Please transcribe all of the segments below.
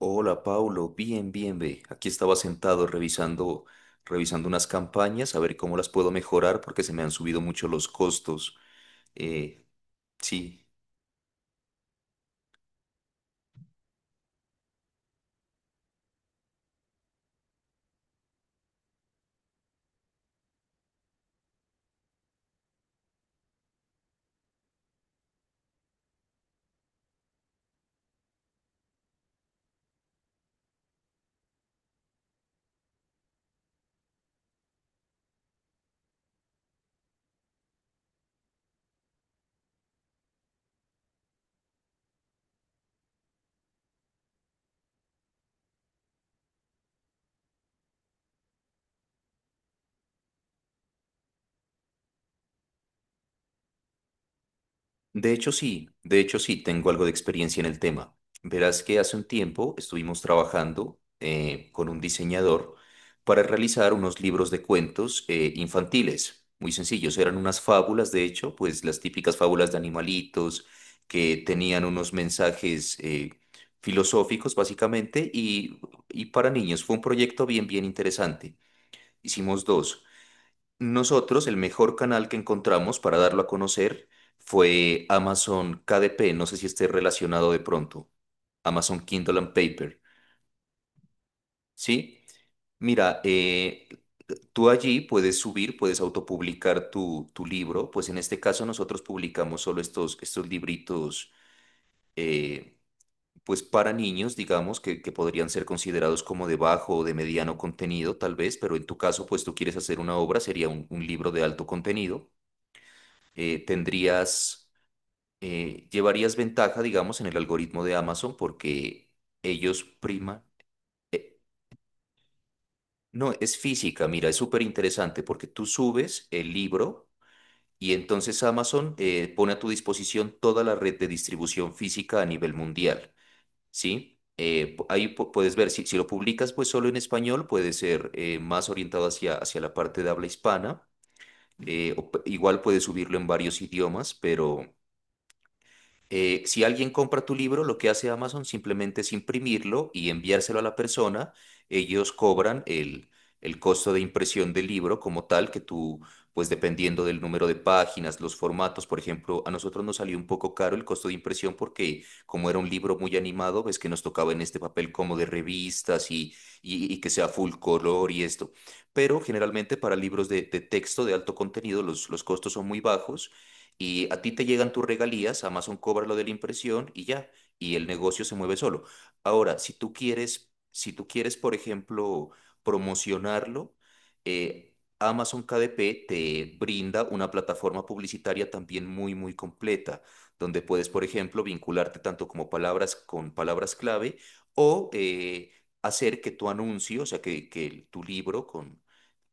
Hola, Paulo. Bien, bien, ve. Aquí estaba sentado revisando unas campañas, a ver cómo las puedo mejorar porque se me han subido mucho los costos. Eh, sí. De hecho, sí, tengo algo de experiencia en el tema. Verás que hace un tiempo estuvimos trabajando con un diseñador para realizar unos libros de cuentos infantiles, muy sencillos, eran unas fábulas, de hecho, pues las típicas fábulas de animalitos que tenían unos mensajes filosóficos, básicamente, y para niños fue un proyecto bien, bien interesante. Hicimos dos. Nosotros, el mejor canal que encontramos para darlo a conocer fue Amazon KDP, no sé si esté relacionado de pronto, Amazon Kindle and Paper, ¿sí? Mira, tú allí puedes subir, puedes autopublicar tu libro, pues en este caso nosotros publicamos solo estos libritos, eh, pues para niños, digamos, que podrían ser considerados como de bajo o de mediano contenido, tal vez, pero en tu caso, pues tú quieres hacer una obra, sería un libro de alto contenido. eh, tendrías, Llevarías ventaja, digamos, en el algoritmo de Amazon porque ellos priman. eh, no, es física, mira, es súper interesante porque tú subes el libro y entonces Amazon pone a tu disposición toda la red de distribución física a nivel mundial, ¿sí? Ahí puedes ver, si lo publicas pues solo en español, puede ser más orientado hacia, hacia la parte de habla hispana. O igual puedes subirlo en varios idiomas, pero... Si alguien compra tu libro, lo que hace Amazon simplemente es imprimirlo y enviárselo a la persona. Ellos cobran el costo de impresión del libro como tal, que tú, pues dependiendo del número de páginas, los formatos, por ejemplo, a nosotros nos salió un poco caro el costo de impresión porque como era un libro muy animado, ves que nos tocaba en este papel como de revistas y que sea full color y esto. Pero generalmente para libros de texto de alto contenido los costos son muy bajos y a ti te llegan tus regalías, Amazon cobra lo de la impresión y ya, y el negocio se mueve solo. Ahora, si tú quieres, si tú quieres, por ejemplo, promocionarlo, Amazon KDP te brinda una plataforma publicitaria también muy, muy completa, donde puedes, por ejemplo, vincularte tanto como palabras con palabras clave o hacer que tu anuncio, o sea, tu libro con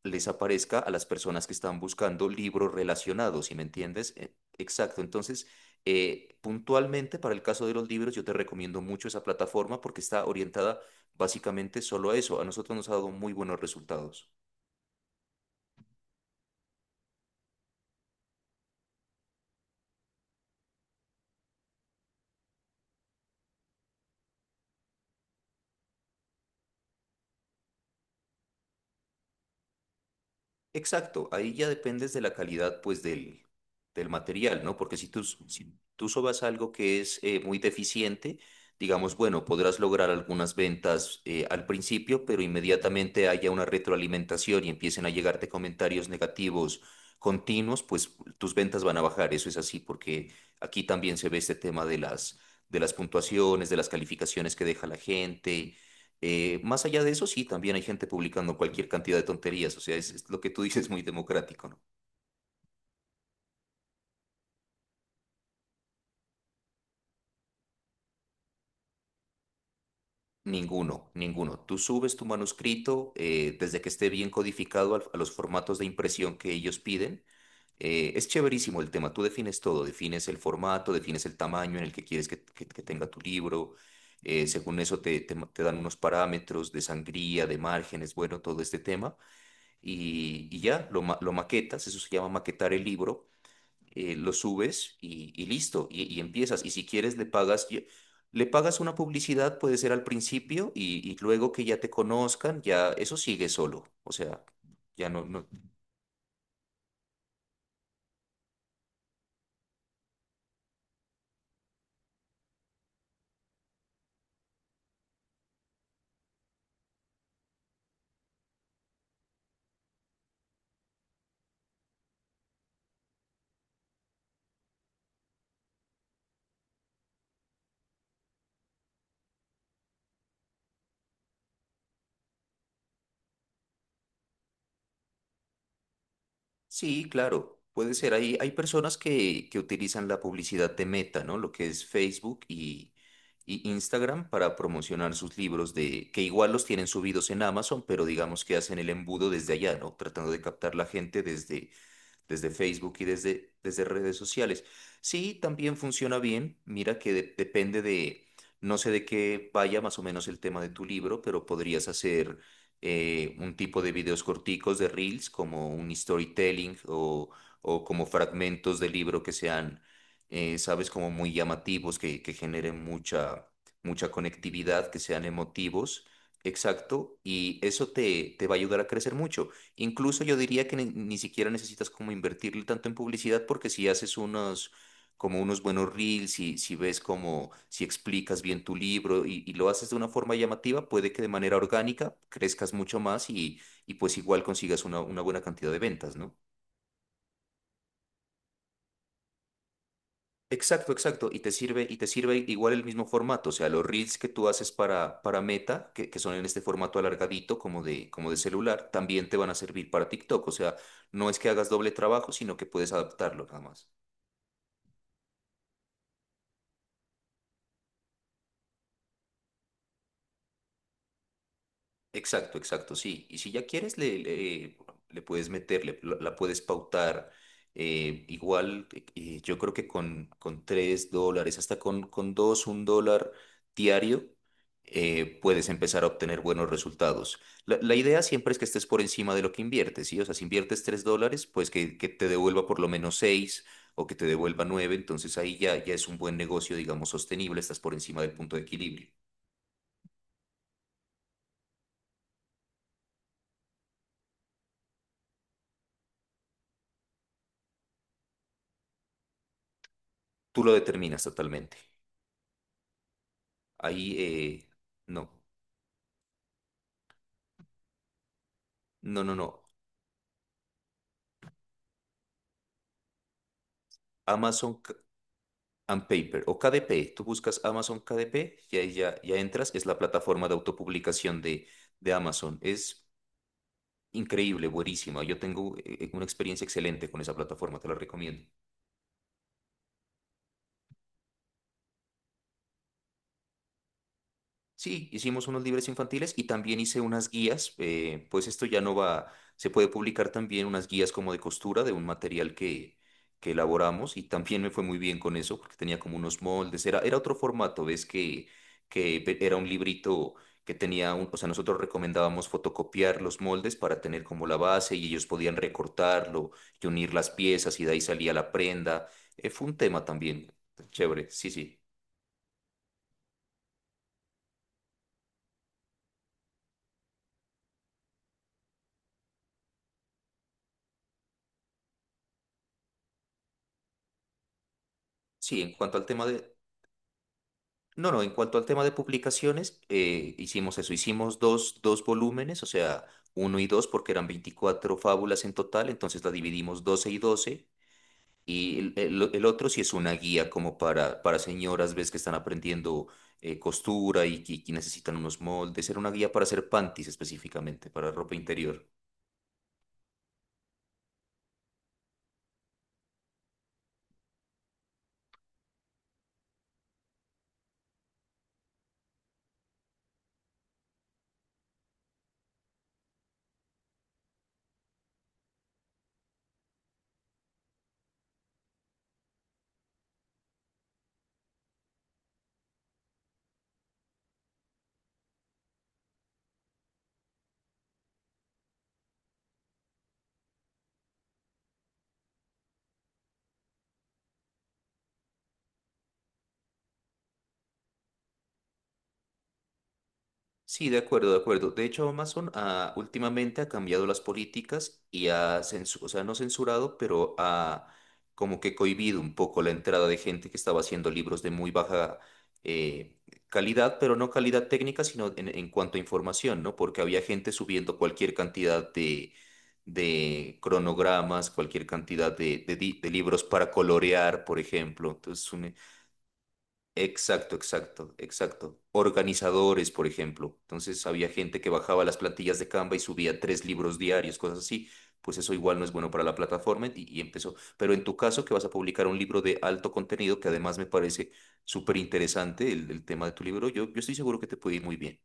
les aparezca a las personas que están buscando libros relacionados, ¿si me entiendes? Exacto, entonces puntualmente para el caso de los libros yo te recomiendo mucho esa plataforma porque está orientada básicamente solo a eso. A nosotros nos ha dado muy buenos resultados. Exacto, ahí ya dependes de la calidad pues del material, ¿no? Porque si tú, si tú sobas algo que es muy deficiente, digamos, bueno, podrás lograr algunas ventas al principio, pero inmediatamente haya una retroalimentación y empiecen a llegarte comentarios negativos continuos, pues tus ventas van a bajar, eso es así, porque aquí también se ve este tema de las puntuaciones, de las calificaciones que deja la gente. Más allá de eso, sí, también hay gente publicando cualquier cantidad de tonterías, o sea, es lo que tú dices, muy democrático, ¿no? Ninguno, ninguno. Tú subes tu manuscrito desde que esté bien codificado a los formatos de impresión que ellos piden. Es chéverísimo el tema, tú defines todo, defines el formato, defines el tamaño en el que quieres que tenga tu libro, según eso te dan unos parámetros de sangría, de márgenes, bueno, todo este tema, y ya lo maquetas, eso se llama maquetar el libro. Lo subes y listo, y empiezas. Y si quieres, le pagas una publicidad, puede ser al principio, y luego que ya te conozcan, ya eso sigue solo. O sea, ya no, no. Sí, claro, puede ser. Hay personas que utilizan la publicidad de Meta, ¿no? Lo que es Facebook y Instagram para promocionar sus libros de, que igual los tienen subidos en Amazon, pero digamos que hacen el embudo desde allá, ¿no? Tratando de captar la gente desde Facebook y desde redes sociales. Sí, también funciona bien. Mira que depende de, no sé de qué vaya más o menos el tema de tu libro, pero podrías hacer un tipo de videos corticos de reels, como un storytelling o como fragmentos de libro que sean, sabes, como muy llamativos, que generen mucha, mucha conectividad, que sean emotivos. Exacto, y eso te, te va a ayudar a crecer mucho. Incluso yo diría que ni siquiera necesitas como invertirle tanto en publicidad porque si haces unos, como unos buenos reels, si ves como, si explicas bien tu libro y lo haces de una forma llamativa, puede que de manera orgánica crezcas mucho más y pues igual consigas una buena cantidad de ventas, ¿no? Exacto, exacto. Y te sirve igual el mismo formato. O sea, los reels que tú haces para Meta, que son en este formato alargadito como de celular, también te van a servir para TikTok. O sea, no es que hagas doble trabajo, sino que puedes adaptarlo nada más. Exacto, exacto, sí. Y si ya quieres, le puedes meter, la puedes pautar. Igual, yo creo que con $3, hasta con dos, $1 diario, puedes empezar a obtener buenos resultados. La idea siempre es que estés por encima de lo que inviertes, ¿sí? O sea, si inviertes $3, pues que te devuelva por lo menos 6 o que te devuelva 9. Entonces ahí ya, ya es un buen negocio, digamos, sostenible, estás por encima del punto de equilibrio. Tú lo determinas totalmente. Ahí, no, no, no, no. Amazon K- and Paper o KDP. Tú buscas Amazon KDP y ahí ya entras. Es la plataforma de autopublicación de Amazon. Es increíble, buenísima. Yo tengo una experiencia excelente con esa plataforma, te la recomiendo. Sí, hicimos unos libros infantiles y también hice unas guías, pues esto ya no va, se puede publicar también unas guías como de costura de un material que elaboramos y también me fue muy bien con eso porque tenía como unos moldes, era otro formato, ves era un librito que tenía, un, o sea, nosotros recomendábamos fotocopiar los moldes para tener como la base y ellos podían recortarlo y unir las piezas y de ahí salía la prenda. Fue un tema también chévere, sí, sí. Sí, en cuanto al tema de, No, no, en cuanto al tema de publicaciones, hicimos eso, hicimos dos volúmenes, o sea, uno y dos, porque eran 24 fábulas en total, entonces la dividimos 12 y 12. Y el, el otro sí es una guía como para señoras, ves que están aprendiendo costura y que necesitan unos moldes, era una guía para hacer panties específicamente, para ropa interior. Sí, de acuerdo, de acuerdo. De hecho, Amazon últimamente ha cambiado las políticas y ha censurado, o sea, no censurado, pero ha como que cohibido un poco la entrada de gente que estaba haciendo libros de muy baja eh, calidad, pero no calidad técnica, sino en cuanto a información, ¿no? Porque había gente subiendo cualquier cantidad de cronogramas, cualquier cantidad de libros para colorear, por ejemplo. Entonces, un- Exacto, exacto, exacto. Organizadores, por ejemplo. Entonces había gente que bajaba las plantillas de Canva y subía tres libros diarios, cosas así. Pues eso igual no es bueno para la plataforma y empezó. Pero en tu caso, que vas a publicar un libro de alto contenido, que además me parece súper interesante el- tema de tu libro, yo estoy seguro que te puede ir muy bien.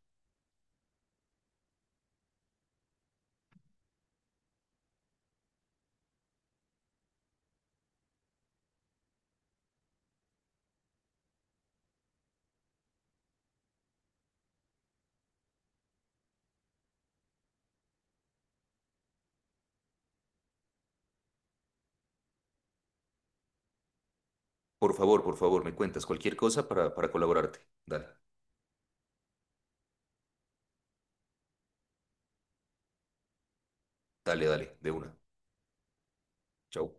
Por favor, me cuentas cualquier cosa para colaborarte. Dale, dale, dale, de una. Chao.